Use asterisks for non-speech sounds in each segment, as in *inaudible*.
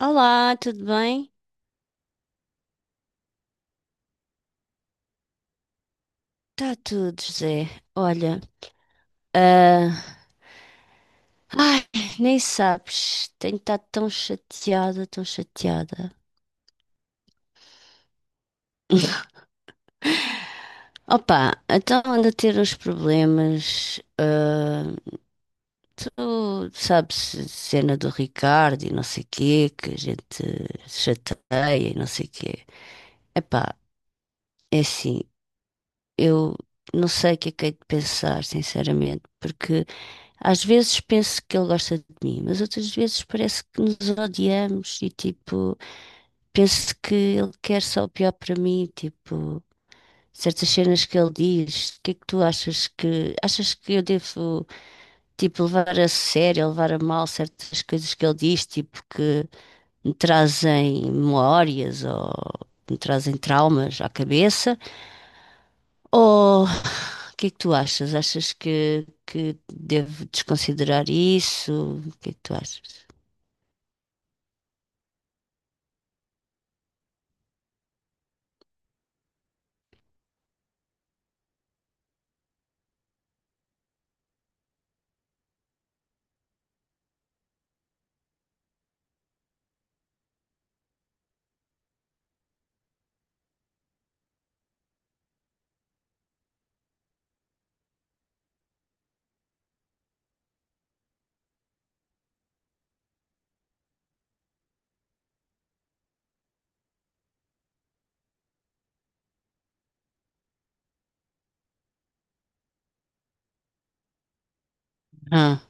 Olá, tudo bem? Tá tudo, José. Olha, ah, ai, nem sabes, tenho estado tão chateada, tão chateada. *laughs* Opa, então ando a ter uns problemas. Tu sabes, a cena do Ricardo e não sei o quê, que a gente chateia e não sei o quê. Epá, é assim, eu não sei o que é que hei de pensar, sinceramente, porque. Às vezes penso que ele gosta de mim, mas outras vezes parece que nos odiamos e tipo, penso que ele quer só o pior para mim, tipo, certas cenas que ele diz, o que é que tu achas que eu devo tipo levar a sério, levar a mal certas coisas que ele diz, tipo que me trazem memórias ou me trazem traumas à cabeça? Ou o que é que tu achas? Achas que devo desconsiderar isso? O que é que tu achas? Ah,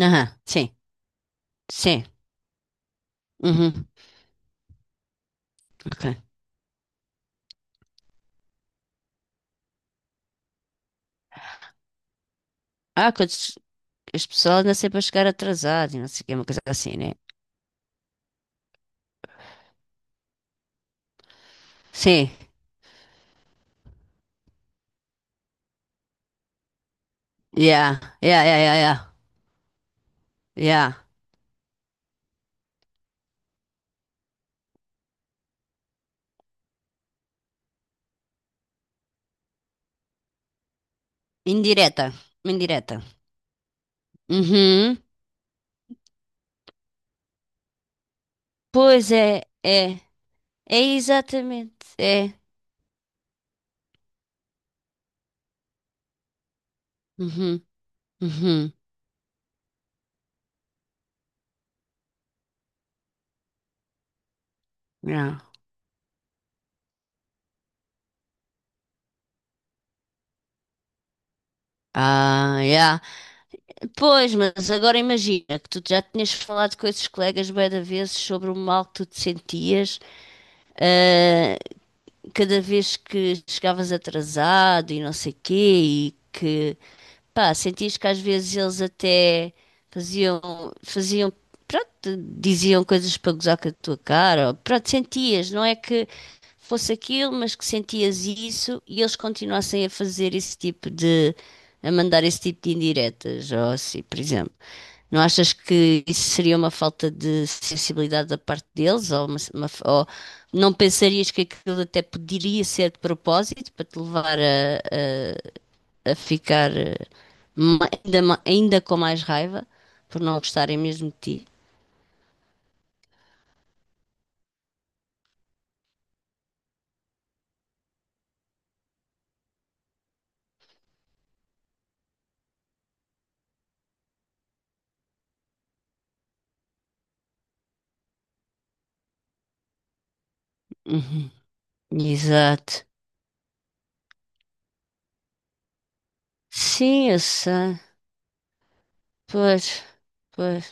aham, sim, sim. Uhum, ok. Ah, quando as pessoas nascem para chegar atrasado, e não sei o que, uma coisa assim, né? Sim, yeah, yeah, yeah, yeah, yeah. Yeah. Indireta, indireta. Uhum, pois é, é, é exatamente, é. Uhum, uhum, yeah. Ah, yeah. Pois, mas agora imagina que tu já tinhas falado com esses colegas bué de vezes sobre o mal que tu te sentias, ah, cada vez que chegavas atrasado e não sei quê, e que, pá, sentias que às vezes eles até faziam, faziam, pronto, diziam coisas para gozar com a tua cara, ou, pronto, sentias, não é que fosse aquilo, mas que sentias isso e eles continuassem a fazer esse tipo de a mandar esse tipo de indiretas, ou assim, por exemplo. Não achas que isso seria uma falta de sensibilidade da parte deles? Ou, ou não pensarias que aquilo até poderia ser de propósito para te levar a ficar ma- ainda com mais raiva por não gostarem mesmo de ti? Uhum. Exato. Sim, eu sei. Pois, pois.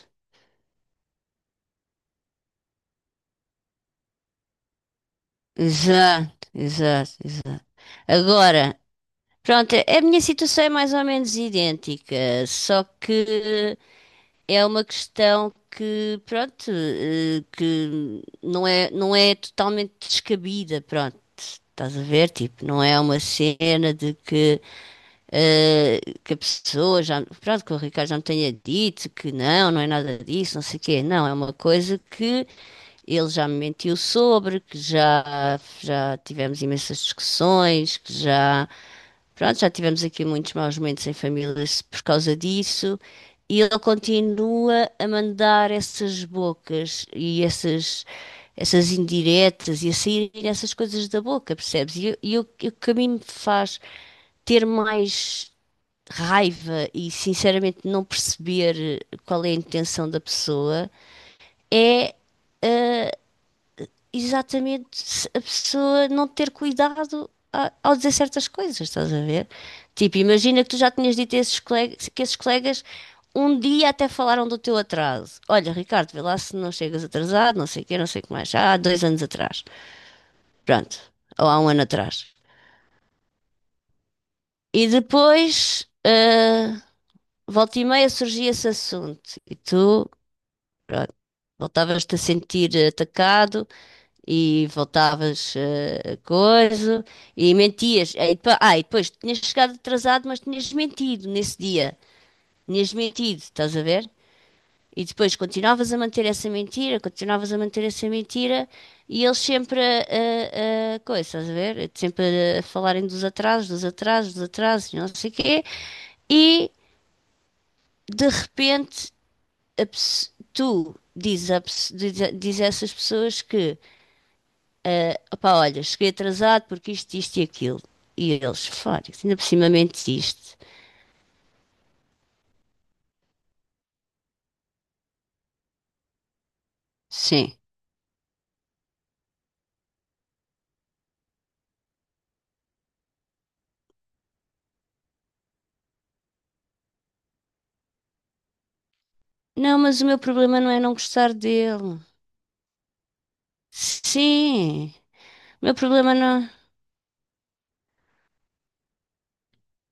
Exato, exato, exato. Agora. Pronto, a minha situação é mais ou menos idêntica, só que é uma questão que, pronto, que não é totalmente descabida, pronto. Estás a ver? Tipo, não é uma cena de que que a pessoa já, pronto, que o Ricardo já me tenha dito que não, não é nada disso, não sei o quê. Não, é uma coisa que ele já me mentiu sobre, já tivemos imensas discussões, que já, pronto, já tivemos aqui muitos maus momentos em família por causa disso. E ele continua a mandar essas bocas essas indiretas e a saírem essas coisas da boca, percebes? E, o que a mim me faz ter mais raiva e sinceramente não perceber qual é a intenção da pessoa é exatamente se a pessoa não ter cuidado ao dizer certas coisas, estás a ver? Tipo, imagina que tu já tinhas dito a esses colegas, que esses colegas um dia até falaram do teu atraso. Olha, Ricardo, vê lá se não chegas atrasado, não sei o quê, não sei o que mais. Já há dois anos atrás. Pronto. Ou há um ano atrás. E depois. Volta e meia surgia esse assunto e tu, pronto, voltavas-te a sentir atacado e voltavas a coisa e mentias. Aí depois, ah, e depois tinhas chegado atrasado, mas tinhas mentido nesse dia. Tinhas mentido, estás a ver? E depois continuavas a manter essa mentira, continuavas a manter essa mentira e eles sempre a coisa, estás a ver? Sempre a falarem dos atrasos, dos atrasos, dos atrasos, e não sei o quê. E de repente tu dizes, a pes- diz, a- diz a essas pessoas que, ah, opá, olha, cheguei atrasado porque isto e aquilo. E eles, fora, ainda por cima mentiste. Sim. Não, mas o meu problema não é não gostar dele. Sim, o meu problema não,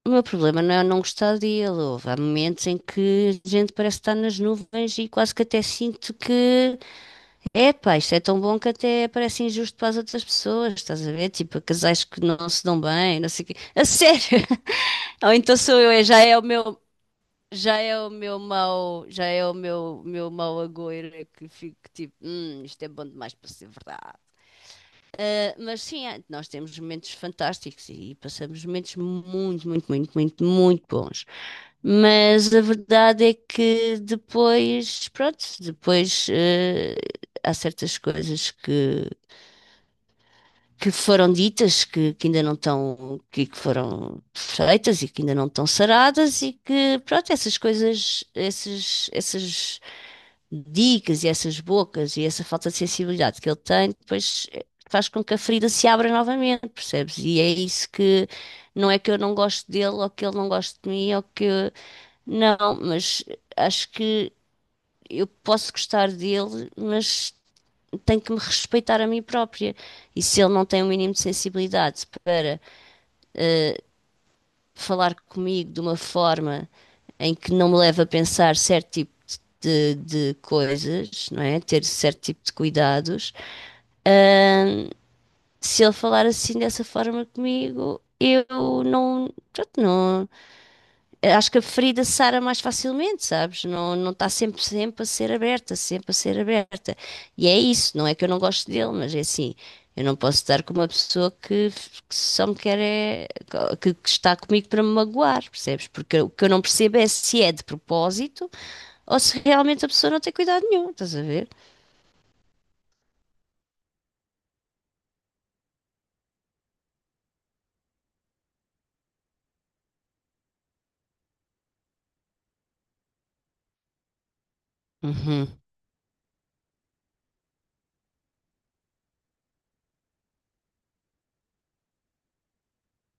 o meu problema não é não gostar dele. Houve, há momentos em que a gente parece estar nas nuvens e quase que até sinto que é, pá, isto é tão bom que até parece injusto para as outras pessoas, estás a ver? Tipo, casais que não se dão bem, não sei o quê. A sério! *laughs* Ou então sou eu, já é o meu, já é o meu mau, já é o meu, meu mau agouro é que fico tipo, isto é bom demais para ser verdade. Mas sim, é, nós temos momentos fantásticos e passamos momentos muito, muito, muito, muito, muito bons. Mas a verdade é que depois, pronto, depois há certas coisas que foram ditas que ainda não estão, que foram feitas e que ainda não estão saradas e que, pronto, essas coisas, essas dicas e essas bocas e essa falta de sensibilidade que ele tem, depois faz com que a ferida se abra novamente, percebes? E é isso que não é que eu não gosto dele ou que ele não gosta de mim ou que não, mas acho que eu posso gostar dele, mas tenho que me respeitar a mim própria. E se ele não tem o mínimo de sensibilidade para falar comigo de uma forma em que não me leva a pensar certo tipo de coisas, não é? Ter certo tipo de cuidados. Ahn, Se ele falar assim dessa forma comigo, eu não, pronto, não, acho que a ferida sara mais facilmente, sabes? Não, não está sempre, sempre a ser aberta, sempre a ser aberta. E é isso, não é que eu não gosto dele, mas é assim, eu não posso estar com uma pessoa que só me quer é, que está comigo para me magoar, percebes? Porque o que eu não percebo é se é de propósito ou se realmente a pessoa não tem cuidado nenhum, estás a ver? Uhum.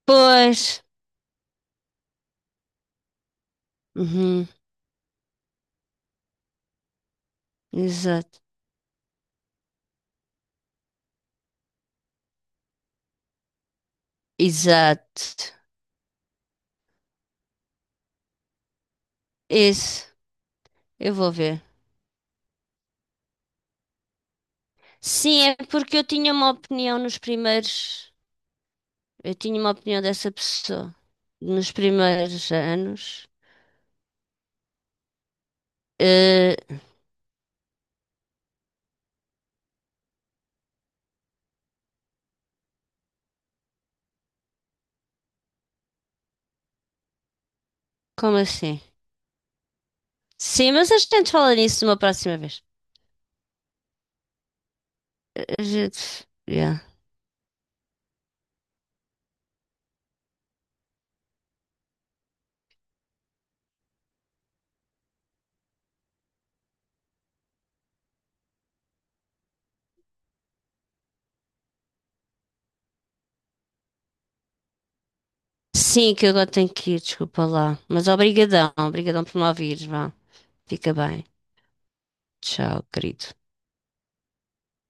Pois, uhum. Exato, exato, isso, eu vou ver. Sim, é porque eu tinha uma opinião nos primeiros. Eu tinha uma opinião dessa pessoa nos primeiros anos. Eh, como assim? Sim, mas a gente fala nisso uma próxima vez. Eh, A gente. Yeah. Sim, que eu agora tenho que ir, desculpa lá. Mas obrigadão, obrigadão por me ouvires, vá. Fica bem. Tchau, querido.